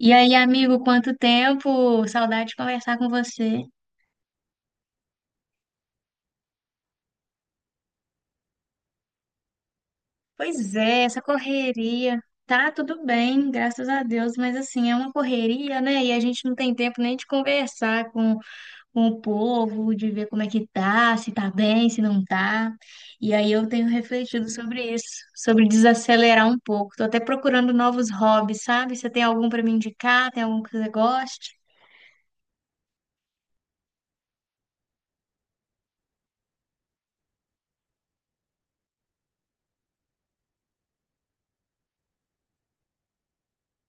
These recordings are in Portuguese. E aí, amigo, quanto tempo? Saudade de conversar com você. Pois é, essa correria. Tá tudo bem, graças a Deus, mas assim, é uma correria, né? E a gente não tem tempo nem de conversar com o povo, de ver como é que tá, se tá bem, se não tá. E aí eu tenho refletido sobre isso, sobre desacelerar um pouco. Tô até procurando novos hobbies, sabe? Você tem algum pra me indicar? Tem algum que você goste?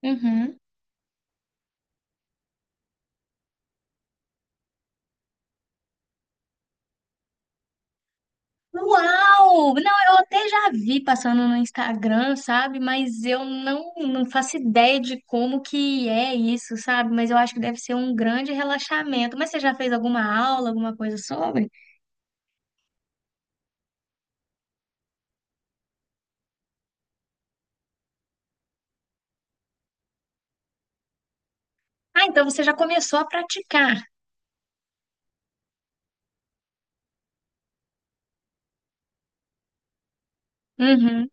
Uhum. Uau! Não, eu até já vi passando no Instagram, sabe? Mas eu não faço ideia de como que é isso, sabe? Mas eu acho que deve ser um grande relaxamento. Mas você já fez alguma aula, alguma coisa sobre? Ah, então você já começou a praticar. Uhum,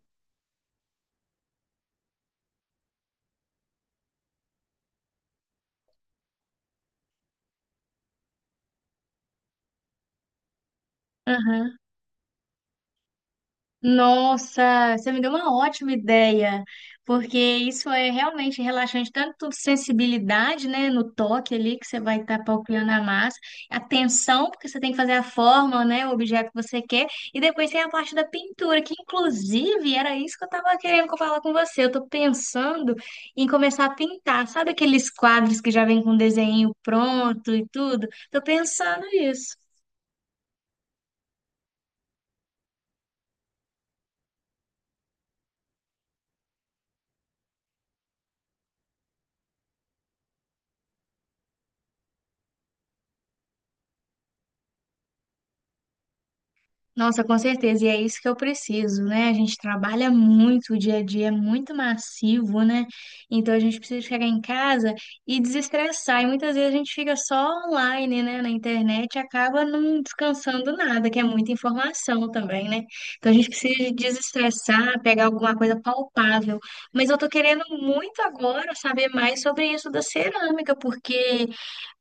uhum. Nossa, você me deu uma ótima ideia, porque isso é realmente relaxante, tanto sensibilidade, né, no toque ali que você vai estar palpitando a massa, a tensão, porque você tem que fazer a forma, né, o objeto que você quer, e depois tem a parte da pintura, que inclusive era isso que eu estava querendo falar com você. Eu estou pensando em começar a pintar, sabe aqueles quadros que já vem com desenho pronto e tudo? Estou pensando nisso. Nossa, com certeza, e é isso que eu preciso, né? A gente trabalha muito, o dia a dia é muito massivo, né? Então a gente precisa chegar em casa e desestressar. E muitas vezes a gente fica só online, né, na internet e acaba não descansando nada, que é muita informação também, né? Então a gente precisa desestressar, pegar alguma coisa palpável. Mas eu tô querendo muito agora saber mais sobre isso da cerâmica, porque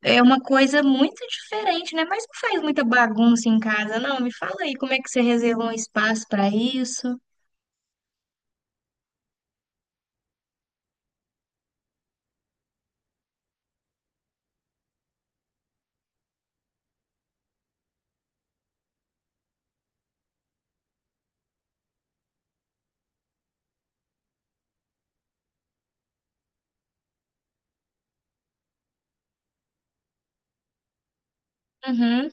é uma coisa muito diferente, né? Mas não faz muita bagunça em casa, não. Me fala aí como é que você reservou um espaço para isso. Uhum.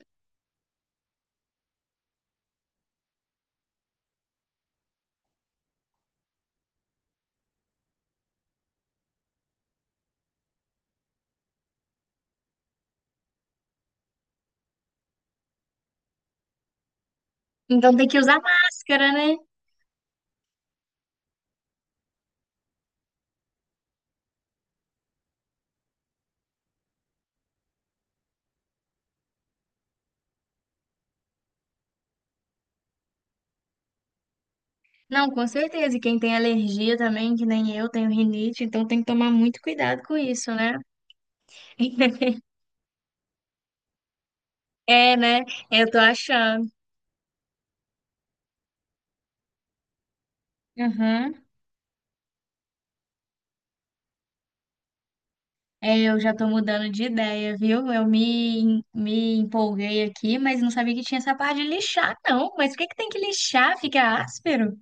Então tem que usar máscara, né? Não, com certeza. E quem tem alergia também, que nem eu, tenho rinite, então tem que tomar muito cuidado com isso, né? É, né? Eu tô achando. Uhum. É, eu já tô mudando de ideia, viu? Eu me empolguei aqui, mas não sabia que tinha essa parte de lixar, não. Mas por que que tem que lixar? Fica áspero?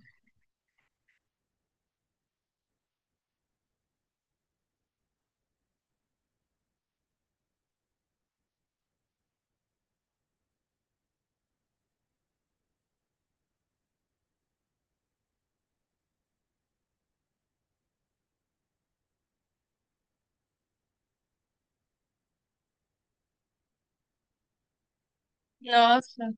Nossa.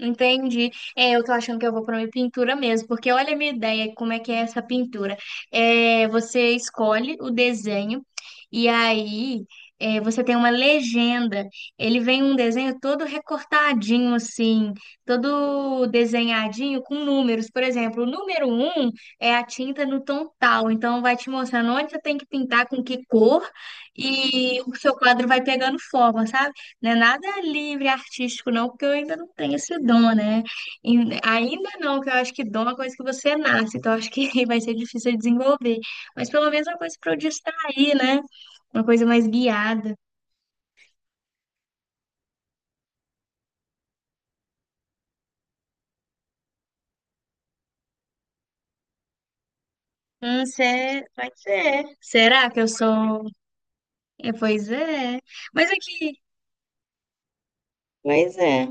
Entendi. É, eu tô achando que eu vou para uma pintura mesmo, porque olha a minha ideia, como é que é essa pintura. É, você escolhe o desenho e aí é, você tem uma legenda. Ele vem um desenho todo recortadinho assim, todo desenhadinho com números. Por exemplo, o número um é a tinta no tom tal, então vai te mostrando onde você tem que pintar, com que cor e o seu quadro vai pegando forma, sabe? Não é nada livre, artístico, não, porque eu ainda não tenho esse dom, né? E ainda não, que eu acho que dom é uma coisa que você nasce, então eu acho que vai ser difícil de desenvolver. Mas pelo menos é uma coisa para eu distrair, né? Uma coisa mais guiada. Pode ser. Será que eu sou. É, pois é. Mas aqui. Pois é.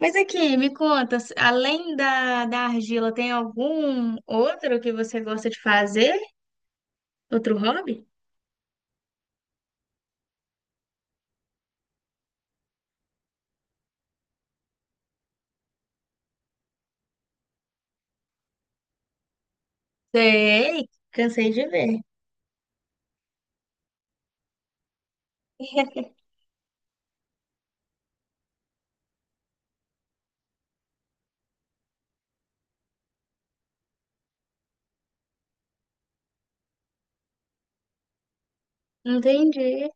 Mas aqui, me conta, além da, da argila, tem algum outro que você gosta de fazer? Outro hobby? Sei, cansei de ver. Entendi.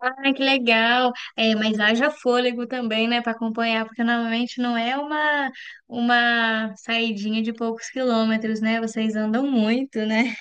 Ah, que legal. É, mas haja fôlego também, né, para acompanhar, porque normalmente não é uma saidinha de poucos quilômetros, né? Vocês andam muito, né?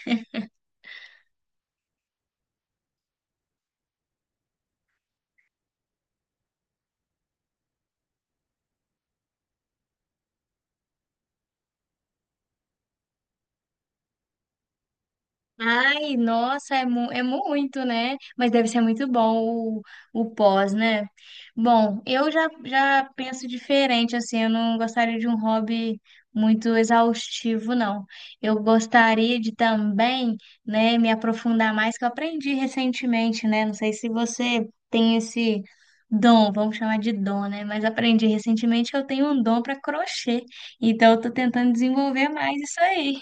Ai, nossa, é, mu é muito, né? Mas deve ser muito bom o, o pós, né? Bom, eu já penso diferente, assim, eu não gostaria de um hobby muito exaustivo, não. Eu gostaria de também, né, me aprofundar mais, que eu aprendi recentemente, né? Não sei se você tem esse dom, vamos chamar de dom, né? Mas aprendi recentemente que eu tenho um dom para crochê, então eu tô tentando desenvolver mais isso aí.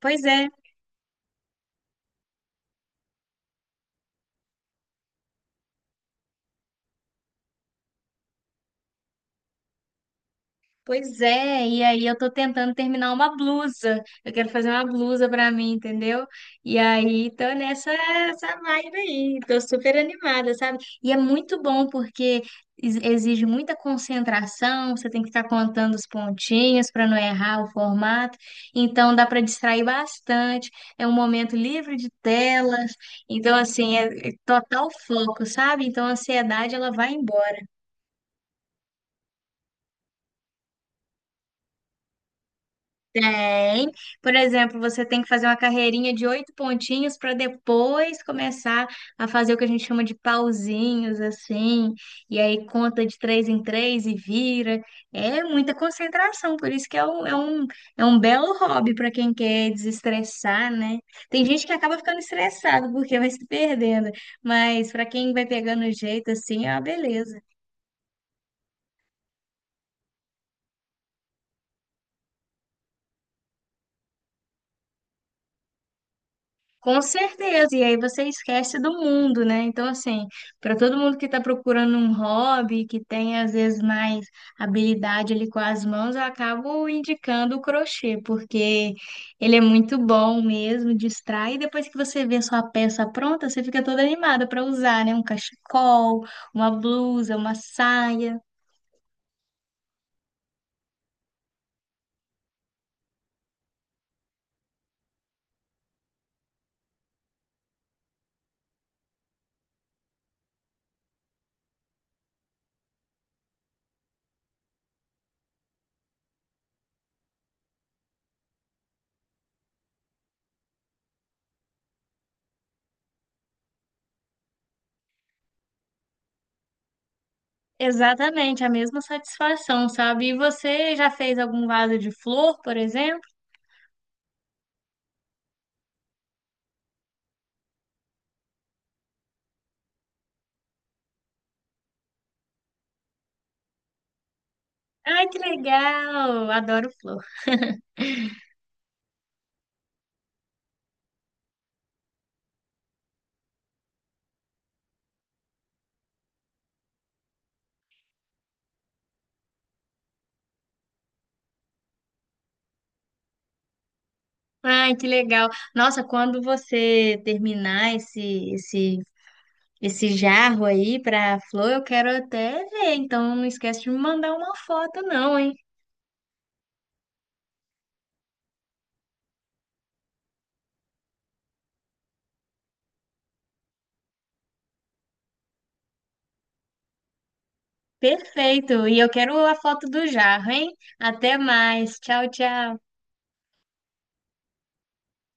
Pois é, Pois é, e aí eu tô tentando terminar uma blusa. Eu quero fazer uma blusa pra mim, entendeu? E aí tô nessa essa vibe aí. Tô super animada, sabe? E é muito bom porque exige muita concentração, você tem que ficar contando os pontinhos pra não errar o formato. Então dá pra distrair bastante. É um momento livre de telas. Então assim, é total foco, sabe? Então a ansiedade ela vai embora. Tem. Por exemplo, você tem que fazer uma carreirinha de oito pontinhos para depois começar a fazer o que a gente chama de pauzinhos, assim. E aí conta de três em três e vira. É muita concentração, por isso que é um belo hobby para quem quer desestressar, né? Tem gente que acaba ficando estressado porque vai se perdendo, mas para quem vai pegando o jeito, assim, é uma beleza. Com certeza, e aí você esquece do mundo, né? Então, assim, para todo mundo que está procurando um hobby, que tem às vezes mais habilidade ali com as mãos, eu acabo indicando o crochê, porque ele é muito bom mesmo, distrai, e depois que você vê a sua peça pronta, você fica toda animada para usar, né? Um cachecol, uma blusa, uma saia. Exatamente, a mesma satisfação, sabe? E você já fez algum vaso de flor, por exemplo? Ai, que legal! Adoro flor. Ai, que legal. Nossa, quando você terminar esse jarro aí para flor, eu quero até ver. Então não esquece de me mandar uma foto não, hein? Perfeito. E eu quero a foto do jarro, hein? Até mais. Tchau, tchau.